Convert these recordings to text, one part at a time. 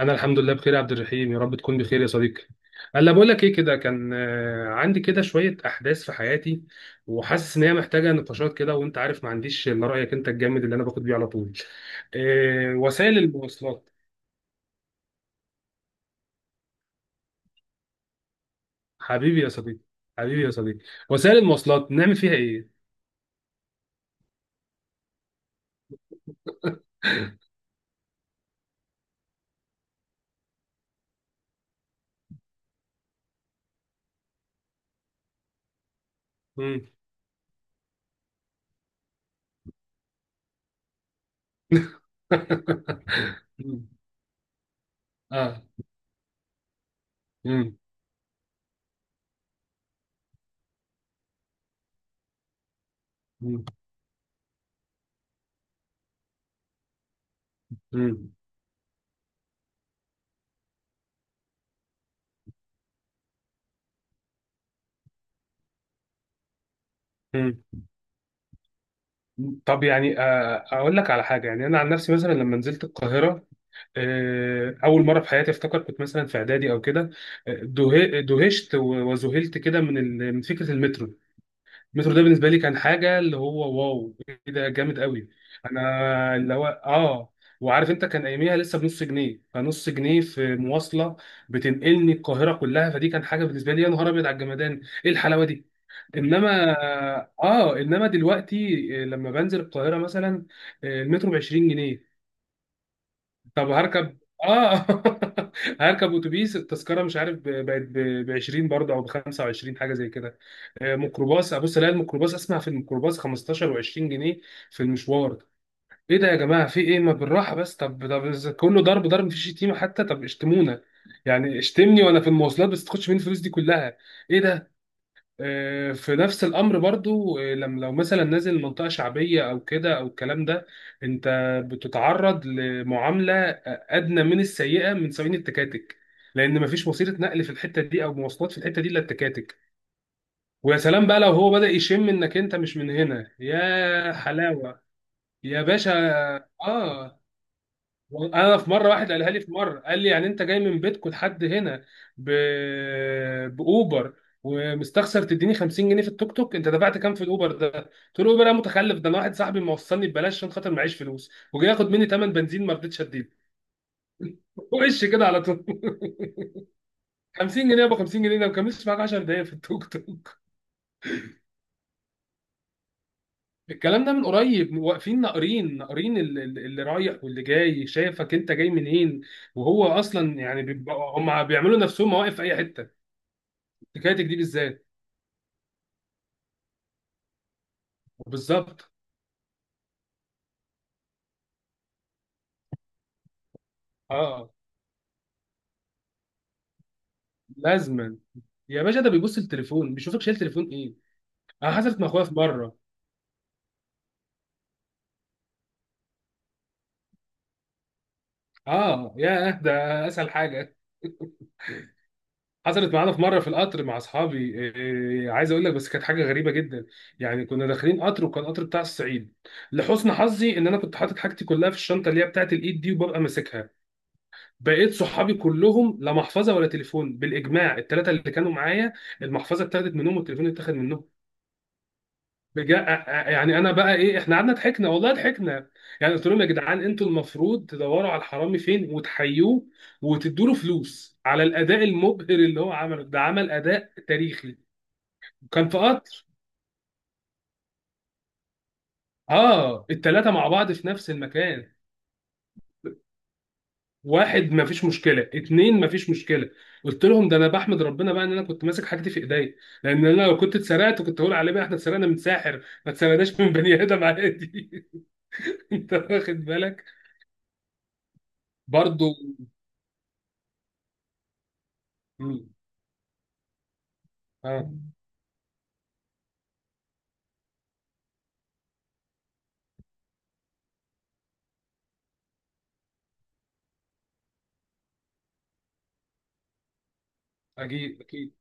انا الحمد لله بخير يا عبد الرحيم، يا رب تكون بخير يا صديقي. هلا، بقول لك ايه، كده كان عندي كده شويه احداث في حياتي، وحاسس ان هي محتاجه نقاشات كده، وانت عارف ما عنديش الا رايك انت الجامد اللي انا باخد بيه على طول. وسائل المواصلات. حبيبي يا صديقي. حبيبي يا صديقي. وسائل المواصلات نعمل فيها ايه؟ مم. مم. اه. مم. مم. مم. مم. طب يعني اقول لك على حاجه. يعني انا عن نفسي مثلا لما نزلت القاهره، اول مره في حياتي افتكر كنت مثلا في اعدادي او كده، دهشت وذهلت كده من من فكره المترو. المترو ده بالنسبه لي كان حاجه، اللي هو واو، ايه ده جامد قوي. انا اللي هو اه، وعارف انت، كان اياميها لسه بنص جنيه، فنص جنيه في مواصله بتنقلني القاهره كلها. فدي كان حاجه بالنسبه لي، يا نهار ابيض على الجمدان، ايه الحلاوه دي. انما اه انما دلوقتي لما بنزل القاهره مثلا المترو ب 20 جنيه. طب هركب، اه هركب اتوبيس، التذكره مش عارف بقت ب 20 برضه، او ب 25 حاجه زي كده. ميكروباص، ابص الاقي الميكروباص، اسمع في الميكروباص 15 و20 جنيه في المشوار. ايه ده يا جماعه، في ايه، ما بالراحه بس، طب إذا كله ضرب ضرب، مفيش شتيمه حتى، طب اشتمونا يعني، اشتمني وانا في المواصلات، بس تاخدش مني الفلوس دي كلها. ايه ده. في نفس الامر برضو، لما لو مثلا نازل منطقه شعبيه او كده او الكلام ده، انت بتتعرض لمعامله ادنى من السيئه من سواقين التكاتك، لان مفيش وسيله نقل في الحته دي او مواصلات في الحته دي الا التكاتك. ويا سلام بقى لو هو بدأ يشم انك انت مش من هنا، يا حلاوه يا باشا. اه. انا في مره، واحد قالها لي، في مره قال لي يعني انت جاي من بيتكم لحد هنا ب... باوبر، ومستخسر تديني 50 جنيه في التوك توك؟ انت دفعت كام في الاوبر ده؟ قلت له الاوبر ده متخلف، ده انا واحد صاحبي موصلني ببلاش عشان خاطر معيش فلوس، وجاي ياخد مني ثمن بنزين، ما رضيتش اديله. وش كده على طول. 50 جنيه. ابو 50 جنيه ده ما كملش معاك 10 دقايق في التوك توك. الكلام ده من قريب، واقفين ناقرين ناقرين اللي رايح واللي جاي، شايفك انت جاي منين، وهو اصلا يعني هم بيعملوا نفسهم مواقف في اي حته. حكايتك دي بالذات. وبالظبط. اه. لازما. يا باشا، ده بيبص التليفون، بيشوفك شايل تليفون ايه. انا حصلت مع اخويا في مره. اه، يا ده اسهل حاجه. حصلت معانا في مره في القطر مع اصحابي، عايز اقول لك بس كانت حاجه غريبه جدا. يعني كنا داخلين قطر وكان قطر بتاع الصعيد. لحسن حظي ان انا كنت حاطط حاجتي كلها في الشنطه اللي هي بتاعت الايد دي وببقى ماسكها. بقيت صحابي كلهم لا محفظه ولا تليفون، بالاجماع الثلاثه اللي كانوا معايا، المحفظه اتاخدت منهم والتليفون اتاخد منهم. بجا... يعني انا بقى ايه، احنا قعدنا ضحكنا، والله ضحكنا. يعني قلت لهم يا جدعان انتوا المفروض تدوروا على الحرامي فين وتحيوه، وتدوا له فلوس على الاداء المبهر اللي هو عمله ده، عمل اداء تاريخي. كان في قطر. اه، الثلاثه مع بعض في نفس المكان. واحد ما فيش مشكله، اتنين ما فيش مشكله. قلت لهم ده انا بحمد ربنا بقى ان انا كنت ماسك حاجتي في ايديا، لان انا لو كنت اتسرقت كنت هقول عليه بقى احنا اتسرقنا من ساحر، ما اتسرقناش من بني ادم عادي. انت واخد بالك. برضو. اه. اكيد اكيد.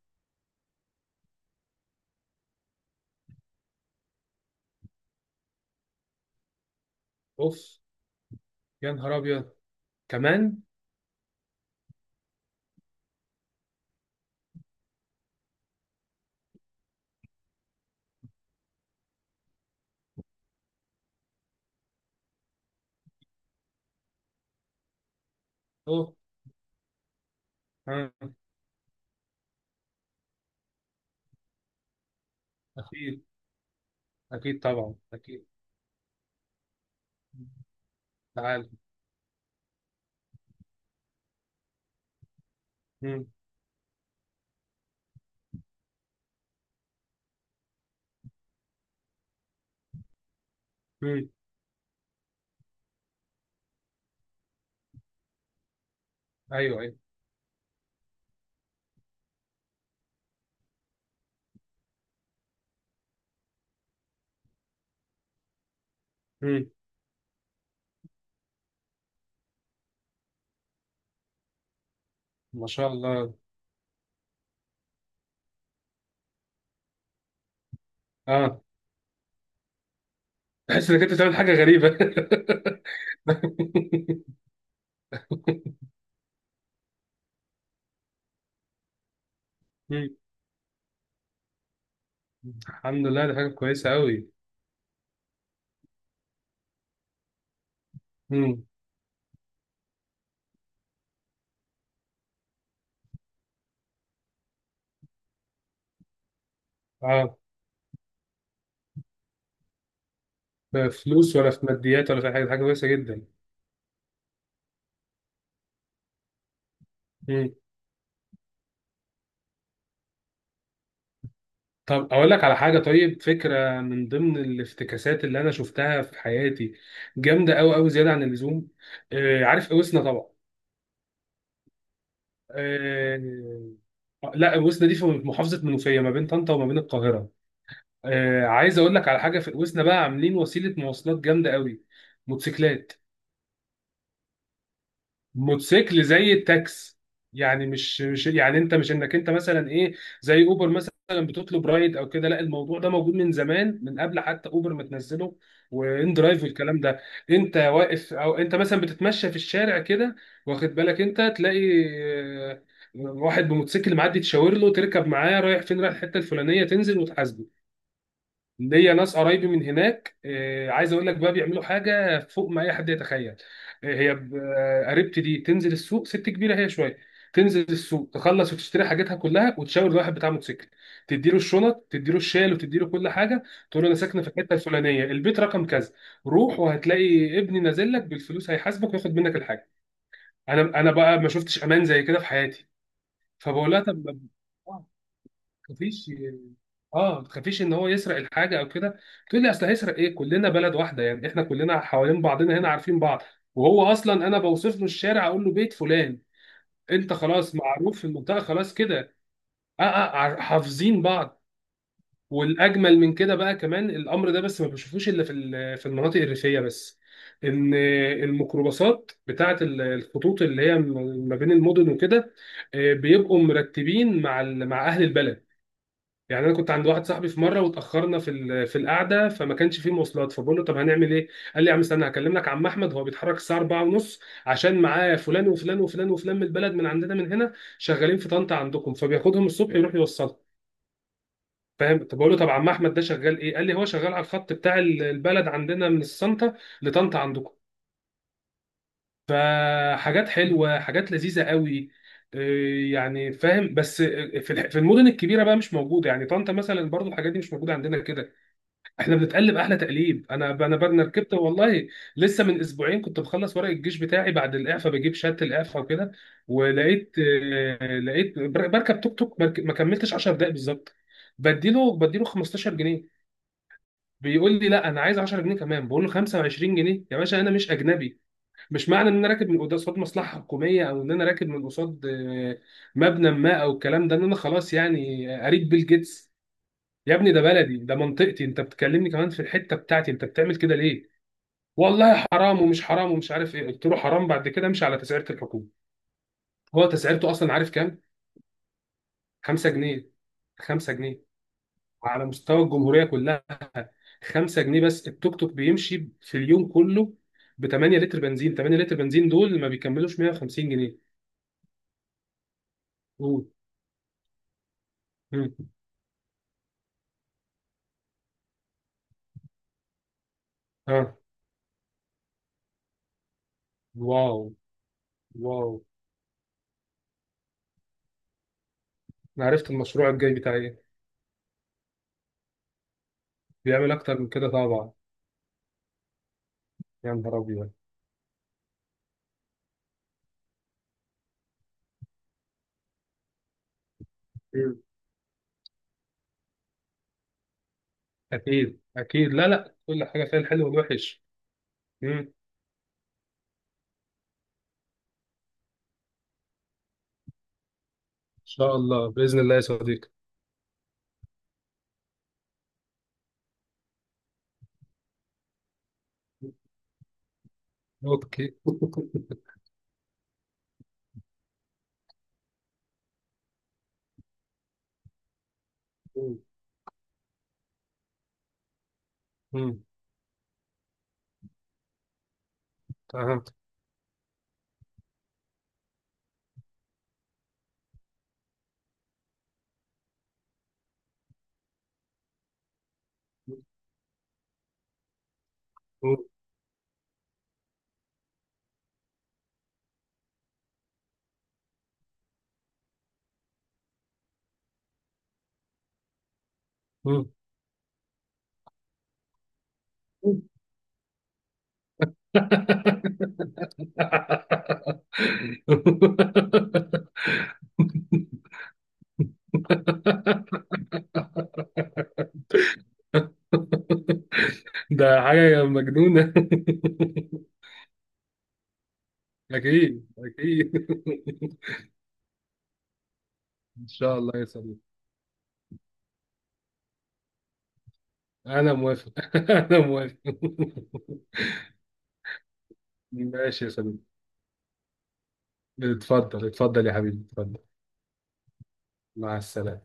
اوف. يا نهار ابيض. كمان. اوه. اه. اكيد اكيد طبعا اكيد. تعال. مم. مم. ايوه ايوه. مم. ما شاء الله. اه. تحس انك انت بتعمل حاجه غريبه. مم. الحمد لله، دي حاجه كويسه قوي. مم. اه. لا فلوس ولا في ماديات ولا في أي حاجه، حاجه كويسه جدا. طب اقول لك على حاجه، طيب فكره من ضمن الافتكاسات اللي انا شفتها في حياتي، جامده قوي قوي زياده عن اللزوم. آه، عارف اوسنا طبعا. آه. لا، اوسنا دي في محافظه منوفيه ما بين طنطا وما بين القاهره. آه، عايز اقول لك على حاجه، في اوسنا بقى عاملين وسيله مواصلات جامده قوي. موتوسيكلات. موتوسيكل زي التاكس. يعني مش يعني انت مش انك انت مثلا ايه، زي اوبر مثلا بتطلب رايد او كده، لا الموضوع ده موجود من زمان، من قبل حتى اوبر ما تنزله وان درايف والكلام ده. انت واقف، او انت مثلا بتتمشى في الشارع كده، واخد بالك، انت تلاقي واحد بموتوسيكل معدي، تشاور له، تركب معاه، رايح فين، رايح الحته الفلانيه، تنزل وتحاسبه. ليا ناس قرايبي من هناك، عايز اقول لك بقى بيعملوا حاجه فوق ما اي حد يتخيل. آه، هي ب- آه، قريبتي دي تنزل السوق، ست كبيره هي شويه، تنزل السوق تخلص وتشتري حاجاتها كلها، وتشاور الواحد بتاع موتوسيكل، تديله الشنط، تديله الشال، وتديله كل حاجه، تقول له انا ساكنه في الحته الفلانيه البيت رقم كذا، روح وهتلاقي ابني نازل لك بالفلوس، هيحاسبك وياخد منك الحاجه. انا بقى ما شفتش امان زي كده في حياتي. فبقول لها طب، مفيش، اه، ما تخافيش ان هو يسرق الحاجه او كده؟ تقول لي اصل هيسرق ايه، كلنا بلد واحده يعني، احنا كلنا حوالين بعضنا هنا، عارفين بعض. وهو اصلا انا بوصف له الشارع، اقول له بيت فلان. انت خلاص معروف في المنطقه، خلاص كده. اه اه، حافظين بعض. والاجمل من كده بقى كمان الامر ده، بس ما بشوفوش الا في في المناطق الريفيه بس، ان الميكروباصات بتاعه الخطوط اللي هي ما بين المدن وكده، بيبقوا مرتبين مع مع اهل البلد. يعني انا كنت عند واحد صاحبي في مره واتاخرنا في في القعده، فما كانش فيه مواصلات، فبقول له طب هنعمل ايه؟ قال لي يا عم استنى، هكلم لك عم احمد، هو بيتحرك الساعه 4 ونص عشان معاه فلان وفلان وفلان وفلان من البلد من عندنا، من هنا شغالين في طنطا عندكم، فبياخدهم الصبح يروح يوصلهم. فاهم؟ طب بقول له طب عم احمد ده شغال ايه؟ قال لي هو شغال على الخط بتاع البلد عندنا من السنطه لطنطا عندكم. فحاجات حلوه، حاجات لذيذه قوي. إيه يعني فاهم، بس في في المدن الكبيره بقى مش موجوده، يعني طنطا مثلا برضو الحاجات دي مش موجوده عندنا كده. احنا بنتقلب احلى تقليب. انا ركبت والله، لسه من اسبوعين كنت بخلص ورق الجيش بتاعي بعد الاعفاء، بجيب شهاده الاعفاء وكده، ولقيت، بركب توك توك، ما كملتش 10 دقائق بالظبط، بديله 15 جنيه. بيقول لي لا انا عايز 10 جنيه كمان. بقول له 25 جنيه يا باشا، انا مش اجنبي، مش معنى ان انا راكب من قصاد مصلحه حكوميه، او ان انا راكب من قصاد مبنى ما او الكلام ده، ان انا خلاص يعني قريب بيل جيتس. يا ابني ده بلدي، ده منطقتي، انت بتكلمني كمان في الحته بتاعتي، انت بتعمل كده ليه؟ والله حرام، ومش حرام، ومش عارف ايه. قلت له حرام، بعد كده امشي على تسعيره الحكومه. هو تسعيرته اصلا عارف كام؟ 5 جنيه. 5 جنيه على مستوى الجمهوريه كلها. 5 جنيه بس. التوك توك بيمشي في اليوم كله ب 8 لتر بنزين، 8 لتر بنزين دول ما بيكملوش 150 جنيه. قول. مم. اه. واو واو. انا عرفت المشروع الجاي بتاعي ايه. بيعمل اكتر من كده طبعا. يا نهار ابيض. أكيد أكيد. لا لا، كل حاجة فيها الحلو والوحش. مم. إن شاء الله بإذن الله يا صديقي. أوكي. مم. مم. أها. مم. مم. ده حاجة مجنونة. أكيد أكيد. إن شاء الله يا صديقي. أنا موافق. أنا موافق. ماشي يا صديقي. اتفضل اتفضل يا حبيبي اتفضل. مع السلامة.